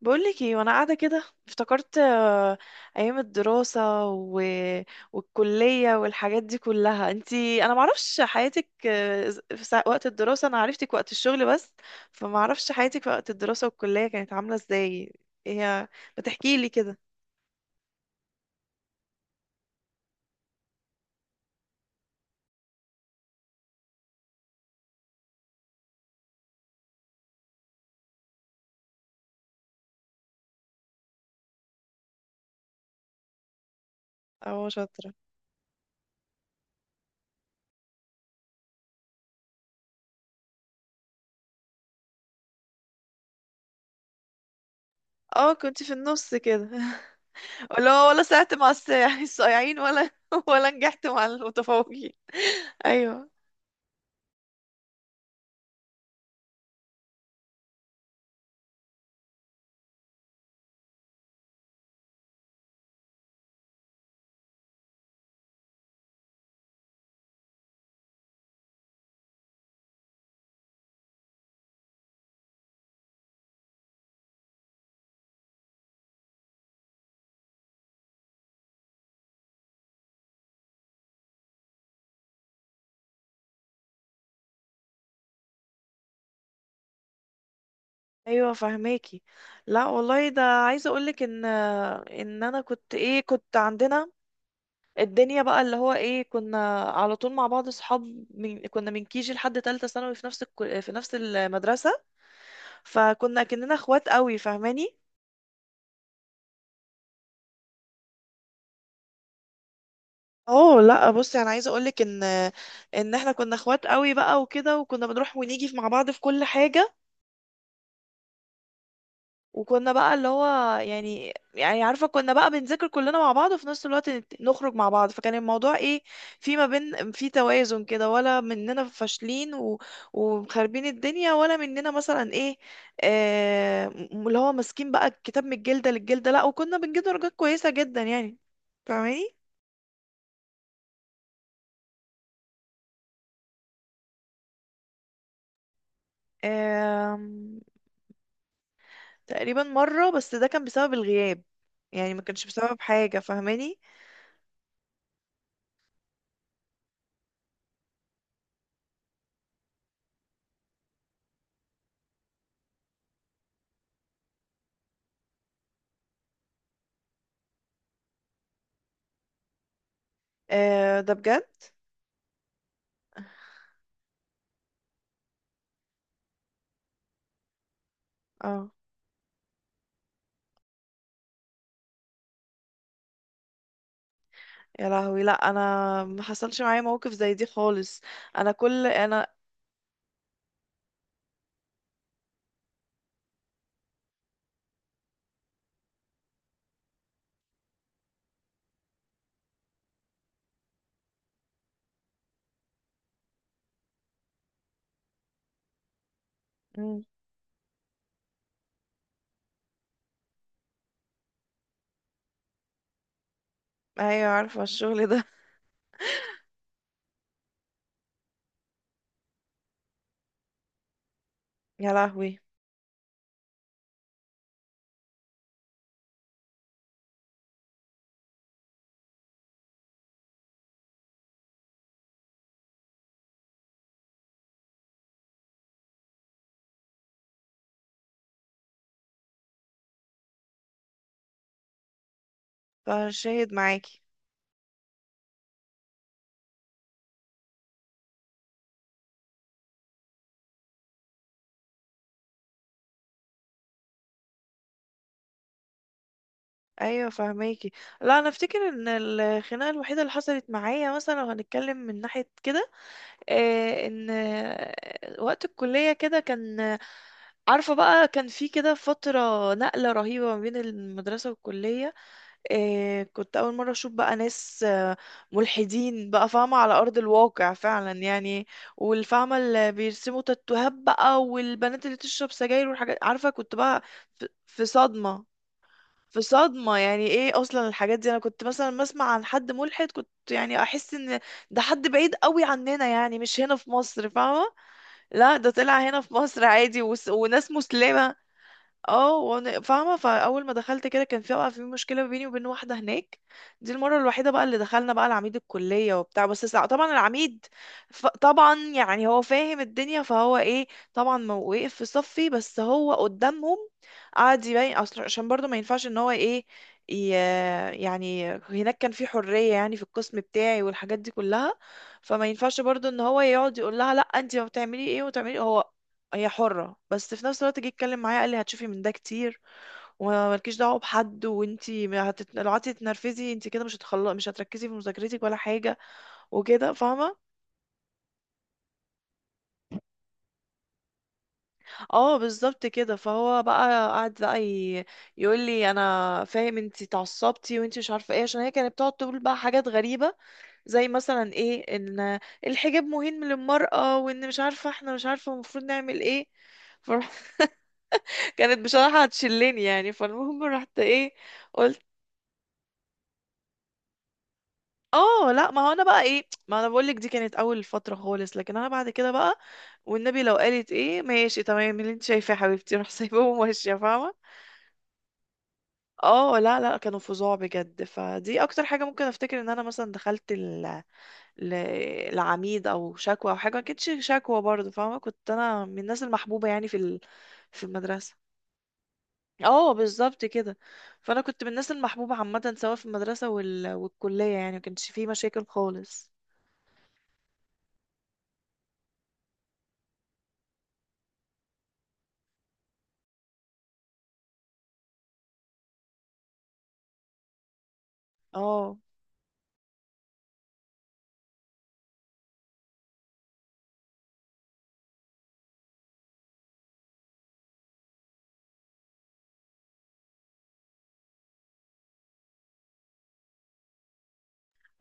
بقولك ايه، وانا قاعده كده افتكرت ايام الدراسه والكليه والحاجات دي كلها. انا معرفش حياتك في وقت الدراسه. انا عرفتك وقت الشغل بس، فمعرفش حياتك في وقت الدراسه والكليه كانت عامله ازاي. ايه هي؟ بتحكي لي كده. اه، شاطره. اه، كنت في النص كده. ولا ساعدت مع يعني الصايعين، ولا ولا نجحت مع المتفوقين. ايوه. ايوه، فهماكي. لا والله، ده عايزه اقولك ان انا كنت ايه، كنت عندنا الدنيا بقى، اللي هو ايه، كنا على طول مع بعض اصحاب، من كيجي لحد تالتة ثانوي في نفس المدرسه. فكنا كأننا اخوات قوي. فاهماني؟ اه، لا بصي، انا عايزه اقولك ان احنا كنا اخوات قوي بقى وكده، وكنا بنروح ونيجي مع بعض في كل حاجه. وكنا بقى اللي هو يعني عارفة، كنا بقى بنذاكر كلنا مع بعض وفي نفس الوقت نخرج مع بعض. فكان الموضوع ايه، في ما بين، في توازن كده، ولا مننا فاشلين ومخربين الدنيا، ولا مننا مثلا ايه، اللي هو ماسكين بقى الكتاب من الجلدة للجلدة. لا، وكنا بنجيب درجات كويسة جدا يعني. فاهماني؟ آم... تقريبا مرة بس، ده كان بسبب الغياب، يعني ما كانش بسبب حاجة. فاهماني؟ ده بجد. اه، يا لهوي، لا انا ما حصلش معايا موقف زي دي خالص. انا كل انا... مم. ايوه، عارفه الشغل ده. يا لهوي. فشاهد معاكي. ايوه، فهماكي. لا، انا افتكر ان الخناقه الوحيده اللي حصلت معايا، مثلا لو هنتكلم من ناحيه كده، ان وقت الكليه كده كان، عارفه بقى، كان في كده فتره نقله رهيبه ما بين المدرسه والكليه. إيه، كنت أول مرة أشوف بقى ناس ملحدين بقى، فاهمة، على أرض الواقع فعلا يعني. والفاهمة اللي بيرسموا تاتوهات بقى، والبنات اللي تشرب سجاير والحاجات، عارفة، كنت بقى في صدمة. في صدمة يعني، ايه أصلا الحاجات دي، أنا كنت مثلا بسمع عن حد ملحد، كنت يعني أحس إن ده حد بعيد قوي عننا، يعني مش هنا في مصر. فاهمة؟ لا، ده طلع هنا في مصر عادي، وناس مسلمة. اه، وانا فاهمه، فاول ما دخلت كده كان في بقى في مشكله بيني وبين واحده هناك. دي المره الوحيده بقى اللي دخلنا بقى العميد الكليه وبتاع، بس طبعا العميد، طبعا يعني هو فاهم الدنيا، فهو ايه، طبعا ما وقف في صفي، بس هو قدامهم قعد يبين. اصل عشان برضه ما ينفعش ان هو ايه، ي... يعني هناك كان في حريه يعني في القسم بتاعي والحاجات دي كلها، فما ينفعش برضه ان هو يقعد يقول لها لا، انت ما بتعملي ايه وتعملي، هي حرة. بس في نفس الوقت جه يتكلم معايا قال لي هتشوفي من ده كتير، ومالكيش دعوة بحد، وانتي ما هتت... لو قعدتي تتنرفزي انتي كده مش هتخلص، مش هتركزي في مذاكرتك ولا حاجة وكده. فاهمة؟ اه، بالظبط كده. فهو بقى قعد بقى يقول لي انا فاهم انتي اتعصبتي وانتي مش عارفة ايه، عشان هي كانت بتقعد تقول بقى حاجات غريبة، زي مثلا ايه ان الحجاب مهم للمرأة، وان مش عارفة، احنا مش عارفة المفروض نعمل ايه. فكانت بصراحة هتشلني يعني، فالمهم رحت ايه، قلت، اه، لا، ما هو انا بقى ايه، ما انا بقول لك دي كانت اول فتره خالص، لكن انا بعد كده بقى، والنبي، لو قالت ايه، ماشي تمام اللي انت شايفاه يا حبيبتي، روح، سايباهم وماشيه. فاهمه؟ اه، لا لا، كانوا فظاع بجد، فدي اكتر حاجه ممكن افتكر ان انا مثلا دخلت ل... العميد او شكوى او حاجه، ما كانتش شكوى برضه. فاهمه؟ كنت انا من الناس المحبوبه يعني في في المدرسه. اه، بالظبط كده. فانا كنت من الناس المحبوبه عامه، سواء في المدرسه والكليه، يعني ما كانش فيه مشاكل خالص. اه.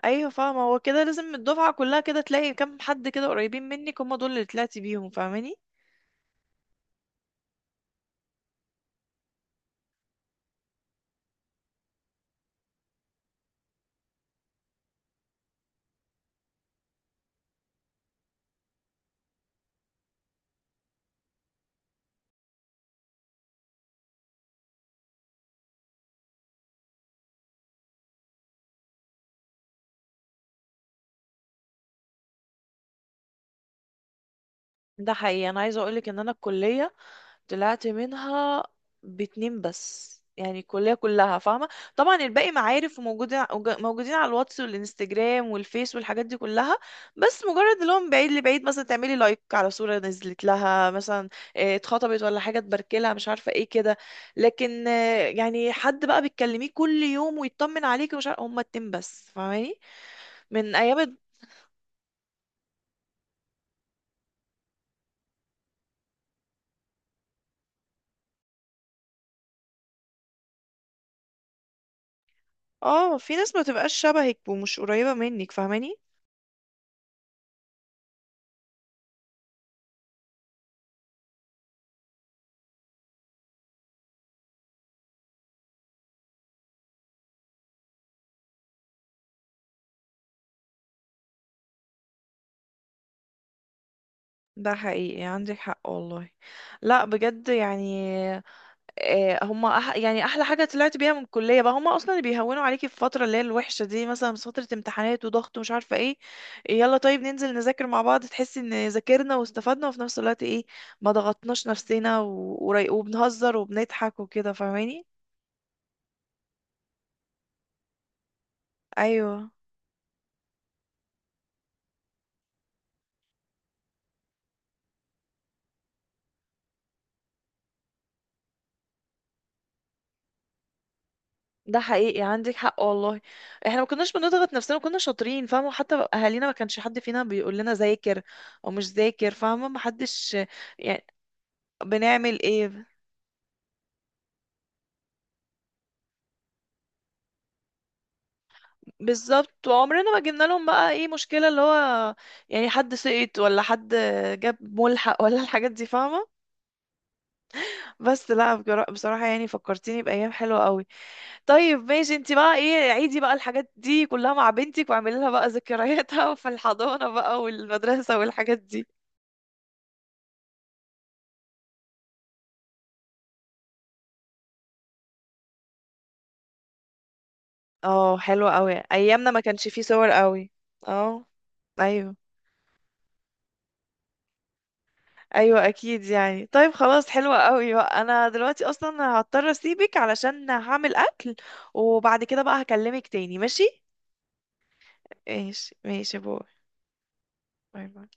ايوه، فاهمه، هو كده لازم الدفعه كلها كده تلاقي كام حد كده قريبين منك، هم دول اللي طلعتي بيهم. فاهماني؟ ده حقيقي، انا عايزه اقولك ان انا الكليه طلعت منها باتنين بس يعني الكلية كلها. فاهمة؟ طبعا الباقي معارف وموجودين على الواتس والانستجرام والفيس والحاجات دي كلها، بس مجرد اللي هو من بعيد لبعيد، مثلا تعملي لايك على صورة نزلت لها، مثلا اتخطبت ولا حاجة، تباركلها، مش عارفة ايه كده. لكن يعني حد بقى بتكلميه كل يوم ويطمن عليكي ومش عارفة، هما اتنين بس. فاهماني؟ من ايام اه، في ناس ما تبقاش شبهك ومش قريبة منك. فاهماني؟ ده حقيقي، عندك حق والله. لا بجد يعني، هما يعني احلى حاجه طلعت بيها من الكليه بقى، هما اصلا اللي بيهونوا عليكي في الفتره اللي هي الوحشه دي، مثلا في فتره امتحانات وضغط ومش عارفه ايه. يلا طيب، ننزل نذاكر مع بعض، تحسي ان ذاكرنا واستفدنا، وفي نفس الوقت ايه، ما ضغطناش نفسنا وبنهزر وبنضحك وكده. فاهماني؟ ايوه، ده حقيقي، عندك حق والله، احنا ما كناش بنضغط نفسنا، كنا شاطرين. فاهمه؟ وحتى اهالينا ما كانش حد فينا بيقول لنا ذاكر او مش ذاكر. فاهمه؟ ما حدش يعني بنعمل ايه. بالظبط، وعمرنا ما جبنا لهم بقى ايه مشكله اللي هو يعني حد سقط ولا حد جاب ملحق ولا الحاجات دي. فاهمه؟ بس لا، بصراحه يعني فكرتيني بايام حلوه قوي. طيب ماشي، انت بقى ايه عيدي بقى الحاجات دي كلها مع بنتك، واعملي لها بقى ذكرياتها في الحضانه بقى والمدرسه والحاجات دي. اه، حلو قوي. ايامنا ما كانش فيه صور قوي. اه. ايوه. ايوه اكيد يعني. طيب خلاص، حلوة قوي بقى، انا دلوقتي اصلا هضطر اسيبك، علشان هعمل اكل، وبعد كده بقى هكلمك تاني. ماشي، ماشي، ماشي، باي، باي، باي.